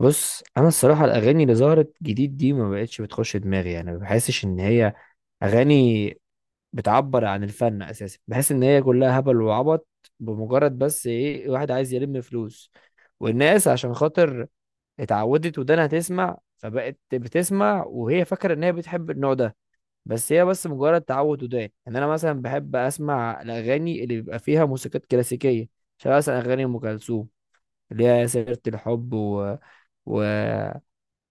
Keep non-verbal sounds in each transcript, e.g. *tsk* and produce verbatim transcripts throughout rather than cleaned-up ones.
بص انا الصراحه الاغاني اللي ظهرت جديد دي ما بقتش بتخش دماغي. يعني ما بحسش ان هي اغاني بتعبر عن الفن اساسا. بحس ان هي كلها هبل وعبط، بمجرد بس ايه واحد عايز يلم فلوس، والناس عشان خاطر اتعودت ودانها تسمع فبقت بتسمع وهي فاكره ان هي بتحب النوع ده. بس هي بس مجرد تعود ودان. ان انا مثلا بحب اسمع الاغاني اللي بيبقى فيها موسيقات كلاسيكيه، شبه مثلا اغاني ام كلثوم اللي هي سيره الحب و...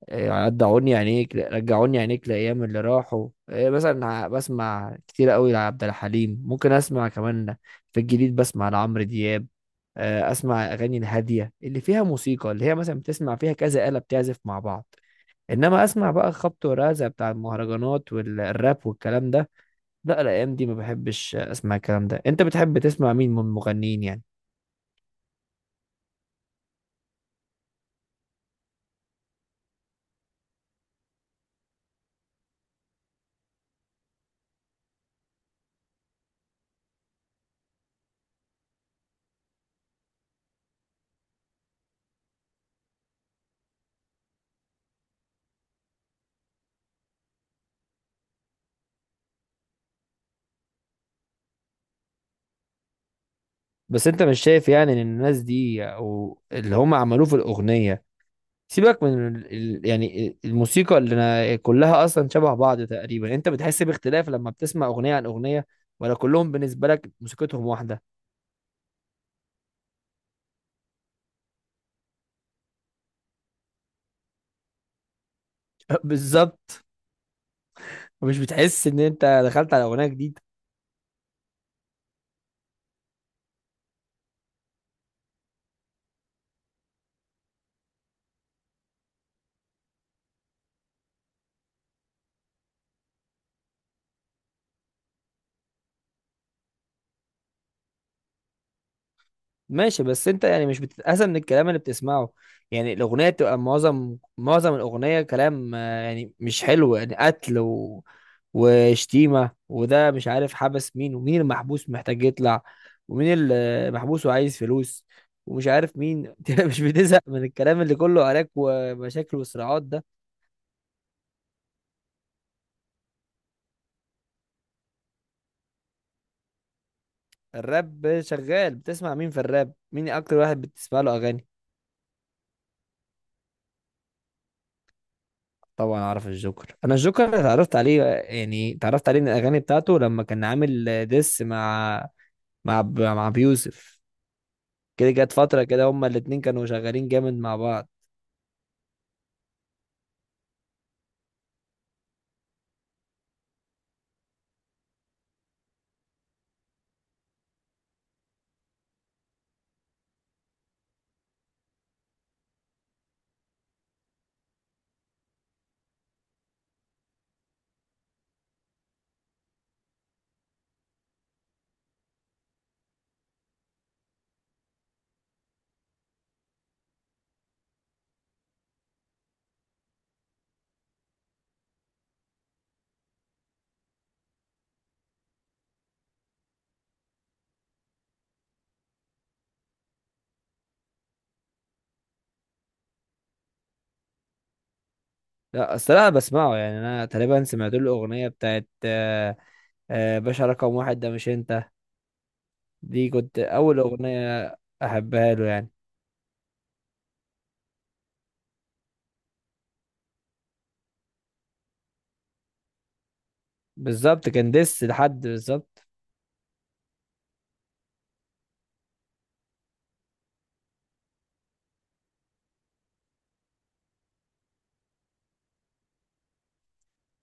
إيه، رجعوني عينيك، رجعوني عينيك لأيام اللي راحوا. إيه، مثلا ع- بسمع كتير قوي لعبد الحليم. ممكن أسمع كمان في الجديد، بسمع لعمرو دياب. آه، أسمع أغاني الهادية اللي فيها موسيقى، اللي هي مثلا بتسمع فيها كذا آلة بتعزف مع بعض. إنما أسمع بقى خبط ورزع بتاع المهرجانات والراب والكلام ده، لا. الأيام دي ما بحبش أسمع الكلام ده. أنت بتحب تسمع مين من المغنيين يعني؟ بس أنت مش شايف يعني إن الناس دي أو اللي هم عملوه في الأغنية، سيبك من ال... ال- يعني الموسيقى اللي أنا كلها اصلا شبه بعض تقريبا، انت بتحس باختلاف لما بتسمع اغنيه عن اغنيه، ولا كلهم بالنسبه لك موسيقتهم واحده؟ *laughs* بالظبط. مش بتحس ان انت دخلت على اغنيه جديده؟ ماشي، بس انت يعني مش بتتأذى من الكلام اللي بتسمعه؟ يعني الأغنية بتبقى معظم معظم الأغنية كلام. آه، يعني مش حلو، يعني قتل و... وشتيمة وده مش عارف، حبس مين، ومين المحبوس محتاج يطلع، ومين المحبوس وعايز فلوس، ومش عارف مين *laughs* انت مش بتزهق من الكلام اللي كله عراك ومشاكل وصراعات ده؟ الراب شغال. بتسمع مين في الراب؟ مين أكتر واحد بتسمع له أغاني؟ طبعا اعرف الجوكر. انا الجوكر اتعرفت عليه، يعني اتعرفت عليه من الاغاني بتاعته لما كان عامل ديس مع مع ب- مع بيوسف. كده جت فتره كده هما الاتنين كانوا شغالين جامد مع بعض. لا اصل انا بسمعه. يعني انا تقريبا سمعت له الاغنيه بتاعت آه، آه، باشا رقم واحد. ده مش انت؟ دي كنت اول اغنيه احبها له يعني. بالظبط، كان ديس لحد، بالظبط.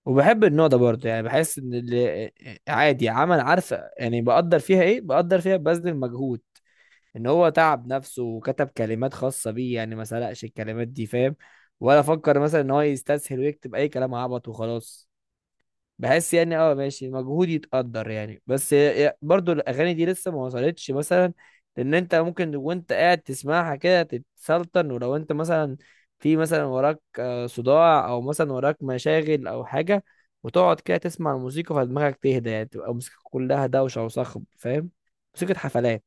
وبحب النوع ده برضه يعني. بحس ان اللي آه، عادي، عمل عارفه يعني. بقدر فيها ايه؟ بقدر فيها ببذل مجهود، ان هو تعب نفسه وكتب كلمات خاصة بيه يعني، ما سرقش الكلمات دي، فاهم؟ ولا فكر مثلا ان هو يستسهل ويكتب اي كلام عبط وخلاص. بحس يعني اه، ماشي، مجهود يتقدر يعني. بس ي- برضو الاغاني دي لسه ما وصلتش مثلا ان انت ممكن وانت قاعد تسمعها كده تتسلطن، ولو انت مثلا في مثلا وراك آه، صداع، او مثلا وراك مشاغل او حاجة، وتقعد كده تسمع الموسيقى فدماغك تهدى. يعني تبقى الموسيقى كلها دوشة وصخب، فاهم؟ موسيقى حفلات.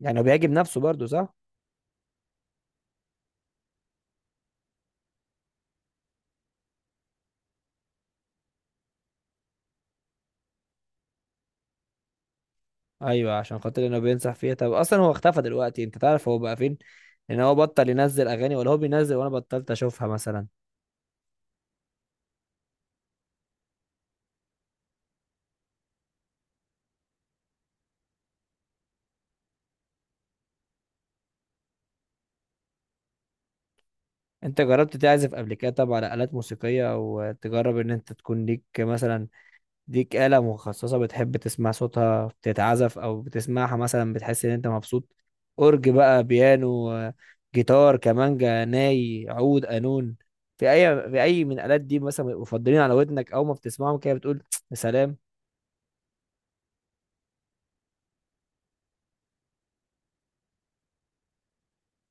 يعني هو بيعجب نفسه برضه، صح؟ ايوه، عشان خاطر انه بينصح فيها. طب اصلا هو اختفى دلوقتي. انت تعرف هو بقى فين؟ ان هو بطل ينزل اغاني، ولا هو بينزل وانا بطلت اشوفها مثلا؟ انت جربت تعزف قبل كده؟ طب على آلات موسيقية؟ او تجرب ان انت تكون ليك مثلا ليك آلة مخصصة بتحب تسمع صوتها بتتعزف او بتسمعها مثلا بتحس ان انت مبسوط؟ اورج بقى، بيانو آه، جيتار، كمانجا، ناي، عود، قانون؟ في اي في اي من الآلات دي مثلا بيبقوا مفضلين على ودنك، او ما بتسمعهم كده بتقول *tsk* يا سلام؟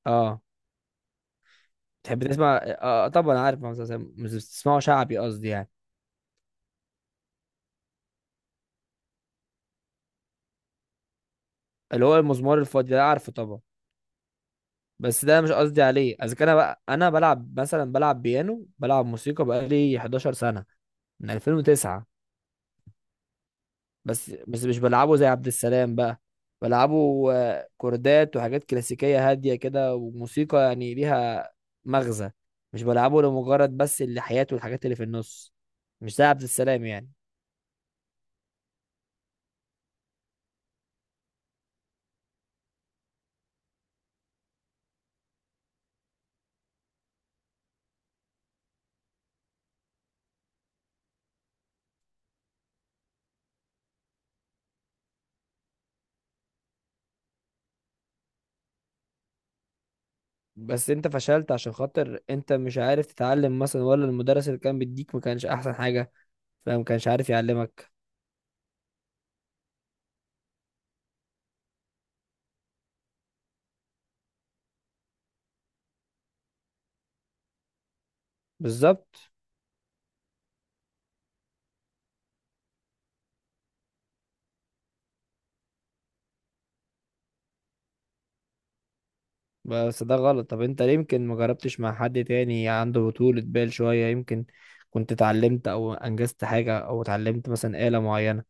اه، تحب تسمع آه آه، طبعا عارف مهندس عسام. مش بتسمعه شعبي قصدي يعني؟ اللي هو المزمار الفاضي ده، عارفه طبعا. بس ده مش قصدي عليه. اذا كان انا بقى انا بلعب مثلا، بلعب بيانو، بلعب موسيقى بقالي حداشر سنة سنه، من الفين وتسعة. بس بس مش بلعبه زي عبد السلام بقى. بلعبه آه، كوردات وحاجات كلاسيكيه هاديه كده، وموسيقى يعني ليها مغزى. مش بلعبه لمجرد بس اللحيات والحاجات اللي في النص، مش زي عبد السلام يعني. بس انت فشلت عشان خاطر انت مش عارف تتعلم مثلا، ولا المدرس اللي كان بيديك ما كانش احسن حاجة فما كانش عارف يعلمك؟ بالظبط. بس ده غلط. طب انت ليه يمكن ما جربتش مع حد تاني عنده طولة بال شوية؟ يمكن كنت اتعلمت او انجزت حاجة، او اتعلمت مثلا آلة معينة،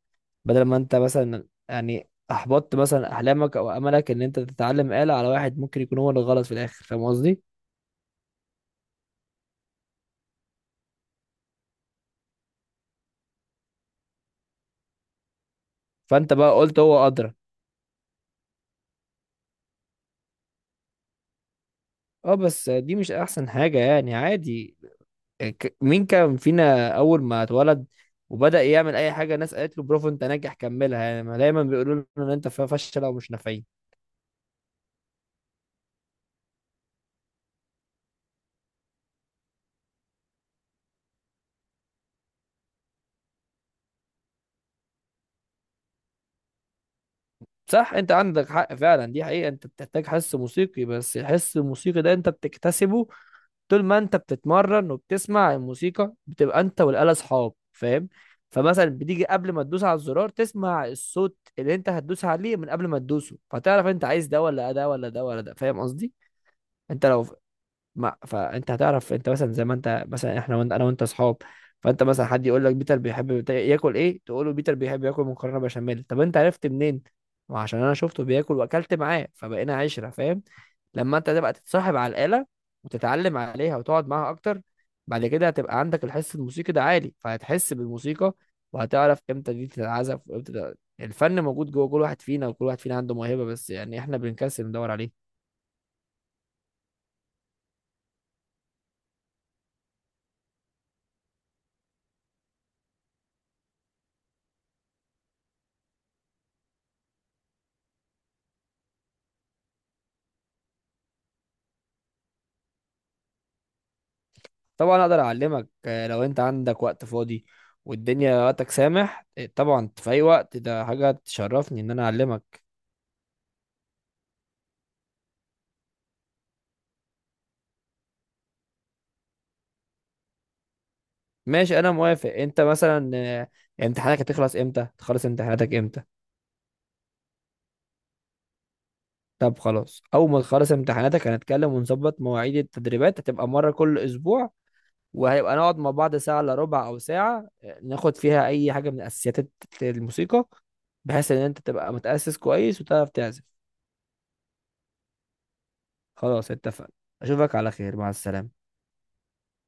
بدل ما انت مثلا يعني احبطت مثلا احلامك او املك ان انت تتعلم آلة على واحد ممكن يكون هو اللي غلط في الاخر، فاهم قصدي؟ فانت بقى قلت هو ادرى. اه، بس دي مش احسن حاجة يعني. عادي يعني. ك- مين كان فينا اول ما اتولد وبدأ يعمل اي حاجه الناس قالت له برافو انت ناجح كملها؟ يعني ما دايما بيقولوا له ان انت ف- فشله ومش نافعين. صح، انت عندك حق فعلا. دي حقيقه، انت بتحتاج حس موسيقي. بس الحس الموسيقي ده انت بتكتسبه طول ما انت بتتمرن وبتسمع الموسيقى، بتبقى انت والآلة اصحاب، فاهم؟ فمثلا بتيجي قبل ما تدوس على الزرار تسمع الصوت اللي انت هتدوس عليه من قبل ما تدوسه، فتعرف انت عايز ده ولا ده ولا ده ولا ده، فاهم قصدي؟ انت لو ما، فانت هتعرف. انت مثلا زي ما انت مثلا، احنا وانت، انا وانت اصحاب، فانت مثلا حد يقول لك بيتر بيحب بتا- ياكل ايه، تقول له بيتر بيحب ياكل مكرونه بشاميل. طب انت عرفت منين؟ ما عشان انا شفته بياكل واكلت معاه فبقينا عشره، فاهم؟ لما انت تبقى تتصاحب على الاله وتتعلم عليها وتقعد معاها اكتر، بعد كده هتبقى عندك الحس الموسيقي ده عالي، فهتحس بالموسيقى، وهتعرف امتى دي تتعزف وامتى ده. الفن موجود جوه كل واحد فينا، وكل واحد فينا عنده موهبه، بس يعني احنا بنكسل ندور عليه. طبعا اقدر اعلمك. آه، لو انت عندك وقت فاضي والدنيا وقتك سامح، آه، طبعا، في اي وقت. ده حاجه تشرفني ان انا اعلمك. ماشي، انا موافق. انت مثلا آه، امتحانك هتخلص امتى؟ تخلص امتحاناتك امتى؟ طب خلاص، اول ما تخلص امتحاناتك هنتكلم ونظبط مواعيد التدريبات. هتبقى مره كل اسبوع، وهيبقى نقعد مع بعض ساعه الا ربع او ساعه، آه، ناخد فيها اي حاجه من اساسيات الت- الموسيقى، بحيث ان انت تبقى متاسس كويس وتعرف تعزف. خلاص، اتفقنا. اشوفك على خير، مع السلامه.